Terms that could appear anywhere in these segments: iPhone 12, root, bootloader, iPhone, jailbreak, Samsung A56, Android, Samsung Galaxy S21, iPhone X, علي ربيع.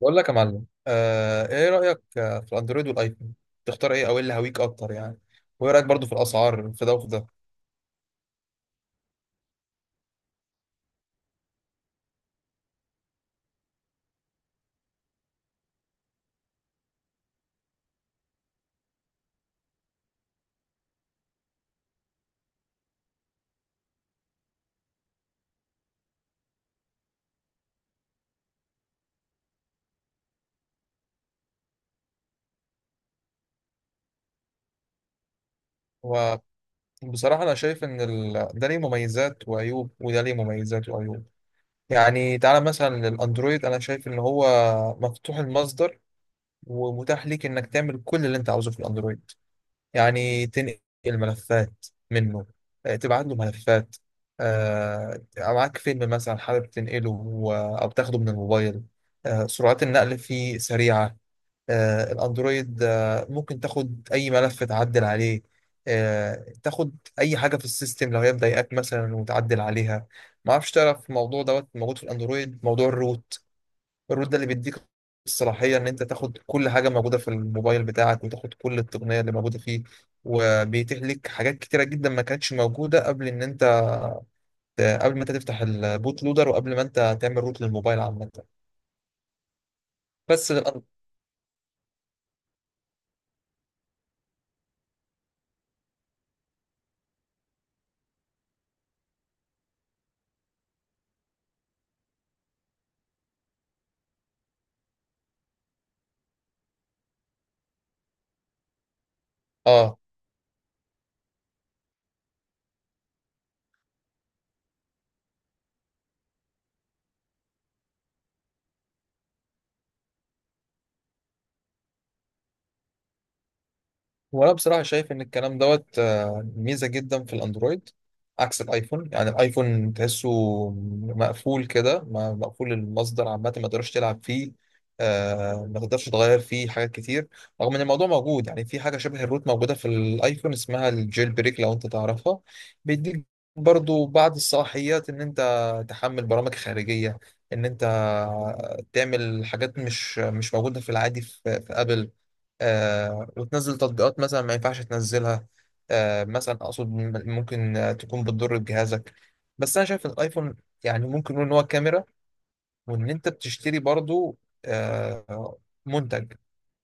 بقول لك يا معلم ايه رأيك في الاندرويد والايفون؟ تختار ايه او ايه اللي هويك اكتر يعني؟ وايه رأيك برضو في الاسعار في ده وفي ده؟ وبصراحة انا شايف ان ده ليه مميزات وعيوب وده ليه مميزات وعيوب. يعني تعالى مثلا للاندرويد، انا شايف ان هو مفتوح المصدر ومتاح ليك انك تعمل كل اللي انت عاوزه في الاندرويد. يعني تنقل ملفات منه، تبعت له ملفات، معاك فيلم مثلا حابب تنقله، أو تاخده من الموبايل. سرعات النقل فيه سريعة. آه، الأندرويد آه، ممكن تاخد أي ملف تعدل عليه، تاخد أي حاجة في السيستم لو هي مضايقاك مثلا وتعدل عليها. ما اعرفش تعرف الموضوع دوت موجود في الأندرويد، موضوع الروت. الروت ده اللي بيديك الصلاحية إن أنت تاخد كل حاجة موجودة في الموبايل بتاعك وتاخد كل التقنية اللي موجودة فيه، وبيتيح لك حاجات كتيرة جدا ما كانتش موجودة قبل إن أنت، قبل ما أنت تفتح البوت لودر وقبل ما أنت تعمل روت للموبايل عامة. بس للأن... آه وانا بصراحه شايف ان الكلام دوت ميزه جدا في الاندرويد، عكس الايفون. يعني الايفون تحسه مقفول كده، مقفول المصدر عامه ما تقدرش تلعب فيه. ما تقدرش تغير فيه حاجات كتير، رغم ان الموضوع موجود. يعني في حاجه شبه الروت موجوده في الايفون اسمها الجيل بريك، لو انت تعرفها. بيديك برضو بعض الصلاحيات ان انت تحمل برامج خارجيه، ان انت تعمل حاجات مش موجوده في العادي في ابل. آه وتنزل تطبيقات مثلا ما ينفعش تنزلها. آه مثلا اقصد ممكن تكون بتضر بجهازك. بس انا شايف إن الايفون، يعني ممكن نقول ان هو كاميرا، وان انت بتشتري برضو آه منتج.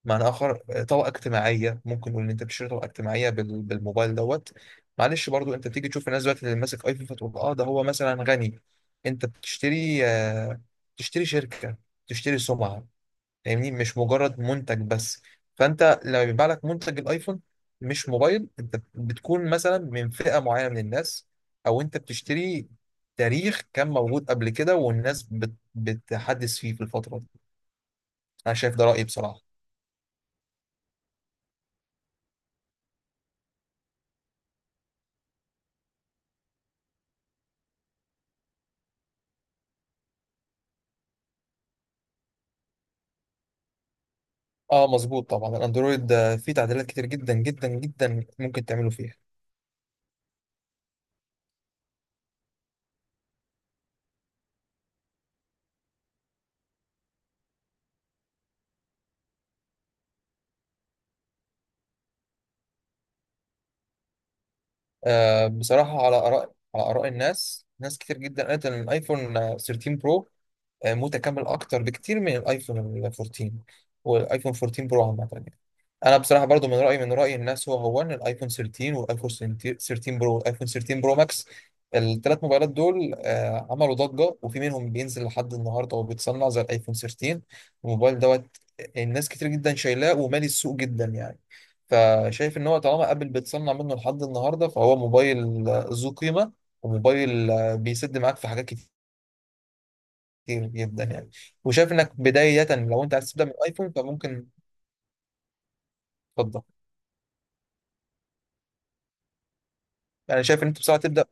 معنى اخر، طبقه اجتماعيه. ممكن نقول ان انت بتشتري طبقه اجتماعيه بالموبايل دوت. معلش برضو انت بتيجي تشوف الناس دلوقتي اللي ماسك ايفون، فتقول اه ده هو مثلا غني. انت بتشتري تشتري شركه، تشتري سمعه. فاهمني، مش مجرد منتج بس. فانت لما بيبيع لك منتج الايفون، مش موبايل، انت بتكون مثلا من فئة معينة من الناس، او انت بتشتري تاريخ كان موجود قبل كده والناس بتحدث فيه في الفترة دي. انا شايف ده رأيي بصراحة. اه مظبوط طبعا، الاندرويد فيه تعديلات كتير جدا جدا جدا ممكن تعملوا فيها. آه بصراحة، على آراء الناس، ناس كتير جدا قالت ان الايفون 13 برو متكامل اكتر بكتير من الايفون 14، والايفون 14 برو عامه يعني. انا بصراحه برضو من راي الناس، هو ان الايفون 13 والايفون 13 برو والايفون 13 برو ماكس، الثلاث موبايلات دول عملوا ضجه، وفي منهم بينزل لحد النهارده وبيتصنع زي الايفون 13. الموبايل دوت الناس كتير جدا شايلاه ومالي السوق جدا يعني. فشايف ان هو طالما ابل بتصنع منه لحد النهارده، فهو موبايل ذو قيمه، وموبايل بيسد معاك في حاجات كتير، كتير جدا يعني. وشايف انك بداية، لو انت عايز تبدا من ايفون فممكن تفضل. يعني شايف ان انت بسرعة تبدا،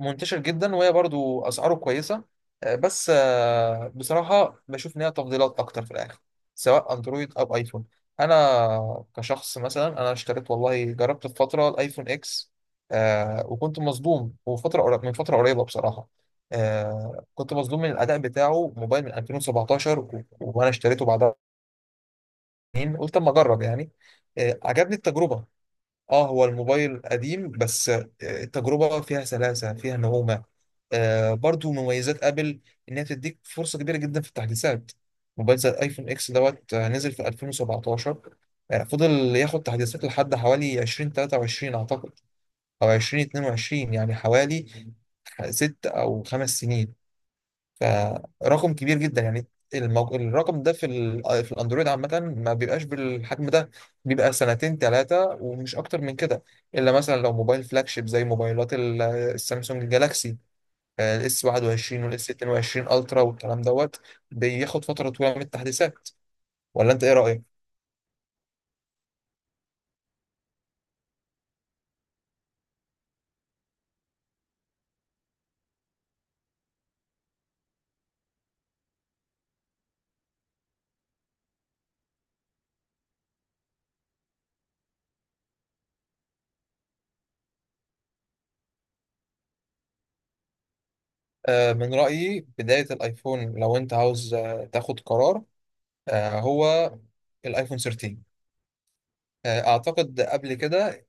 منتشر جدا وهي برضو اسعاره كويسة. آه، بس آه، بصراحة بشوف ان هي تفضيلات اكتر في الاخر، سواء اندرويد او ايفون. انا كشخص مثلا، انا اشتريت والله، جربت في فترة الايفون اكس، وكنت مصدوم. وفترة من فترة قريبة بصراحة، كنت مصدوم من الاداء بتاعه. موبايل من 2017 وانا اشتريته بعدها سنين. قلت اما اجرب يعني. عجبني التجربه. اه هو الموبايل قديم، بس التجربه فيها سلاسه فيها نعومه. آه برضو مميزات ابل، انها بتديك فرصه كبيره جدا في التحديثات. موبايل زي الايفون اكس دوت نزل في 2017، فضل ياخد تحديثات لحد حوالي 2023 اعتقد، او 2022 يعني. حوالي ست او خمس سنين، فرقم كبير جدا يعني. الرقم ده في الاندرويد عامة ما بيبقاش بالحجم ده. بيبقى سنتين ثلاثة ومش أكتر من كده، إلا مثلا لو موبايل فلاجشيب زي موبايلات السامسونج جالاكسي، الاس 21 والاس 22 الترا والكلام دوت، بياخد فترة طويلة من التحديثات. ولا أنت إيه رأيك؟ من رأيي بداية الآيفون، لو أنت عاوز تاخد قرار، هو الآيفون 13. أعتقد قبل كده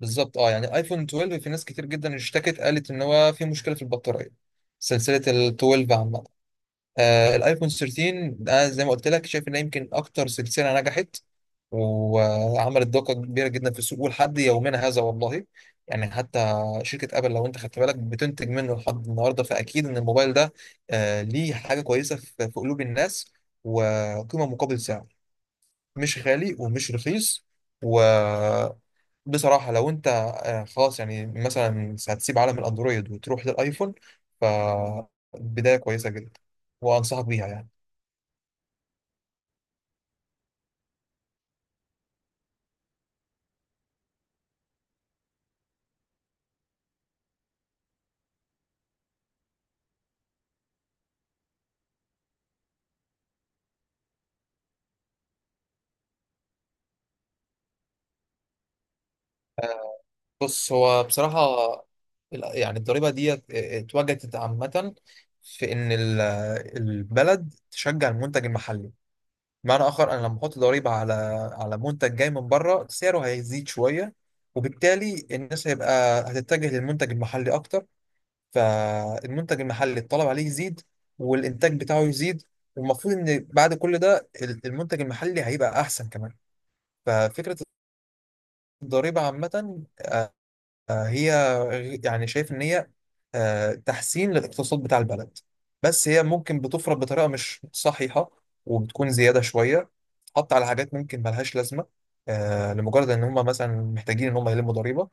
بالظبط. اه يعني ايفون 12، في ناس كتير جدا اشتكت قالت ان هو في مشكله في البطاريه، سلسله ال 12 عامه. آه الايفون 13 ده، زي ما قلت لك، شايف انها يمكن اكتر سلسله نجحت وعملت ضجه كبيره جدا في السوق، ولحد يومنا هذا والله يعني. حتى شركه ابل لو انت خدت بالك بتنتج منه لحد النهارده، فاكيد ان الموبايل ده آه ليه حاجه كويسه في قلوب الناس. وقيمه مقابل سعر، مش غالي ومش رخيص. و بصراحة، لو أنت خلاص يعني مثلا هتسيب عالم الأندرويد وتروح للأيفون، فبداية كويسة جدا وأنصحك بيها يعني. آه، بص، هو بصراحة يعني الضريبة دي اتوجدت عامة، في إن البلد تشجع المنتج المحلي. بمعنى آخر، أنا لما أحط ضريبة على منتج جاي من بره، سعره هيزيد شوية. وبالتالي الناس هيبقى هتتجه للمنتج المحلي أكتر، فالمنتج المحلي الطلب عليه يزيد والإنتاج بتاعه يزيد. والمفروض إن بعد كل ده المنتج المحلي هيبقى أحسن كمان. ففكرة الضريبة عامة، هي يعني شايف إن هي تحسين للاقتصاد بتاع البلد. بس هي ممكن بتفرض بطريقة مش صحيحة، وبتكون زيادة شوية، حط على حاجات ممكن ملهاش لازمة، لمجرد إن هم مثلا محتاجين إن هم يلموا ضريبة.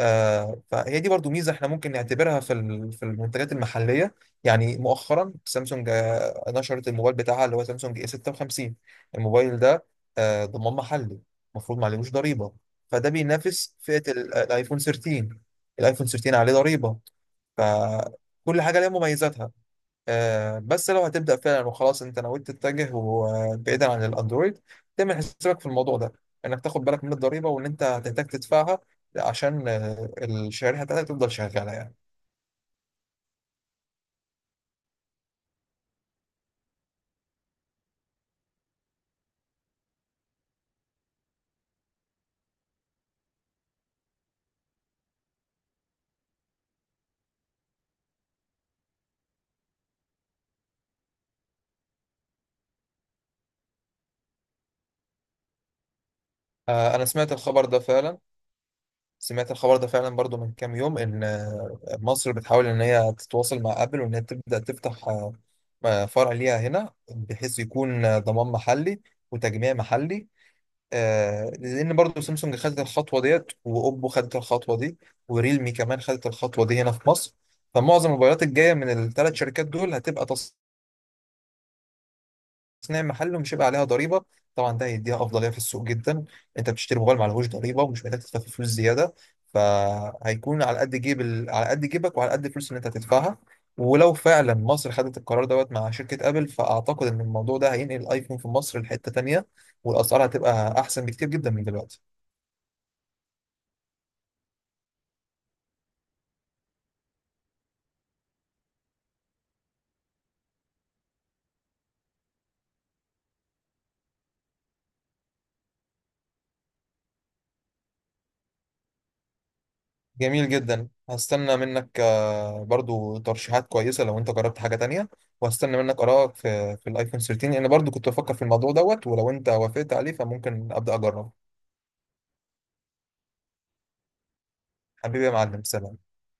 فهي دي برضو ميزة احنا ممكن نعتبرها في المنتجات المحلية. يعني مؤخرا سامسونج نشرت الموبايل بتاعها اللي هو سامسونج اي 56. الموبايل ده ضمان محلي، المفروض ما عليهوش ضريبة، فده بينافس فئة الايفون 13. الايفون 13 عليه ضريبة، فكل حاجة ليها مميزاتها. بس لو هتبدأ فعلا، وخلاص انت نويت تتجه بعيدا عن الاندرويد، تعمل حسابك في الموضوع ده، انك تاخد بالك من الضريبة وان انت هتحتاج تدفعها، عشان الشريحة بتاعتك تفضل شغالة يعني. انا سمعت الخبر ده فعلا، سمعت الخبر ده فعلا برضو من كام يوم، ان مصر بتحاول ان هي تتواصل مع ابل، وان هي تبدأ تفتح فرع ليها هنا، بحيث يكون ضمان محلي وتجميع محلي. آه لان برضو سامسونج خدت الخطوه ديت، واوبو خدت الخطوه دي، وريلمي كمان خدت الخطوه دي هنا في مصر. فمعظم الموبايلات الجايه من الثلاث شركات دول هتبقى تصنيع محلي، ومش هيبقى عليها ضريبه. طبعا ده هيديها افضليه في السوق جدا. انت بتشتري موبايل معلهوش ضريبه ومش محتاج تدفع فيه فلوس زياده، فهيكون على قد جيبك وعلى قد الفلوس اللي انت هتدفعها. ولو فعلا مصر خدت القرار دوت مع شركه ابل، فاعتقد ان الموضوع ده هينقل الايفون في مصر لحته تانيه، والاسعار هتبقى احسن بكتير جدا من دلوقتي. جميل جدا، هستنى منك برضو ترشيحات كويسة لو انت جربت حاجة تانية، وهستنى منك آرائك في الايفون 13، لان برضو كنت بفكر في الموضوع دوت، ولو انت وافقت عليه فممكن أبدأ أجربه. حبيبي يا معلم، سلام.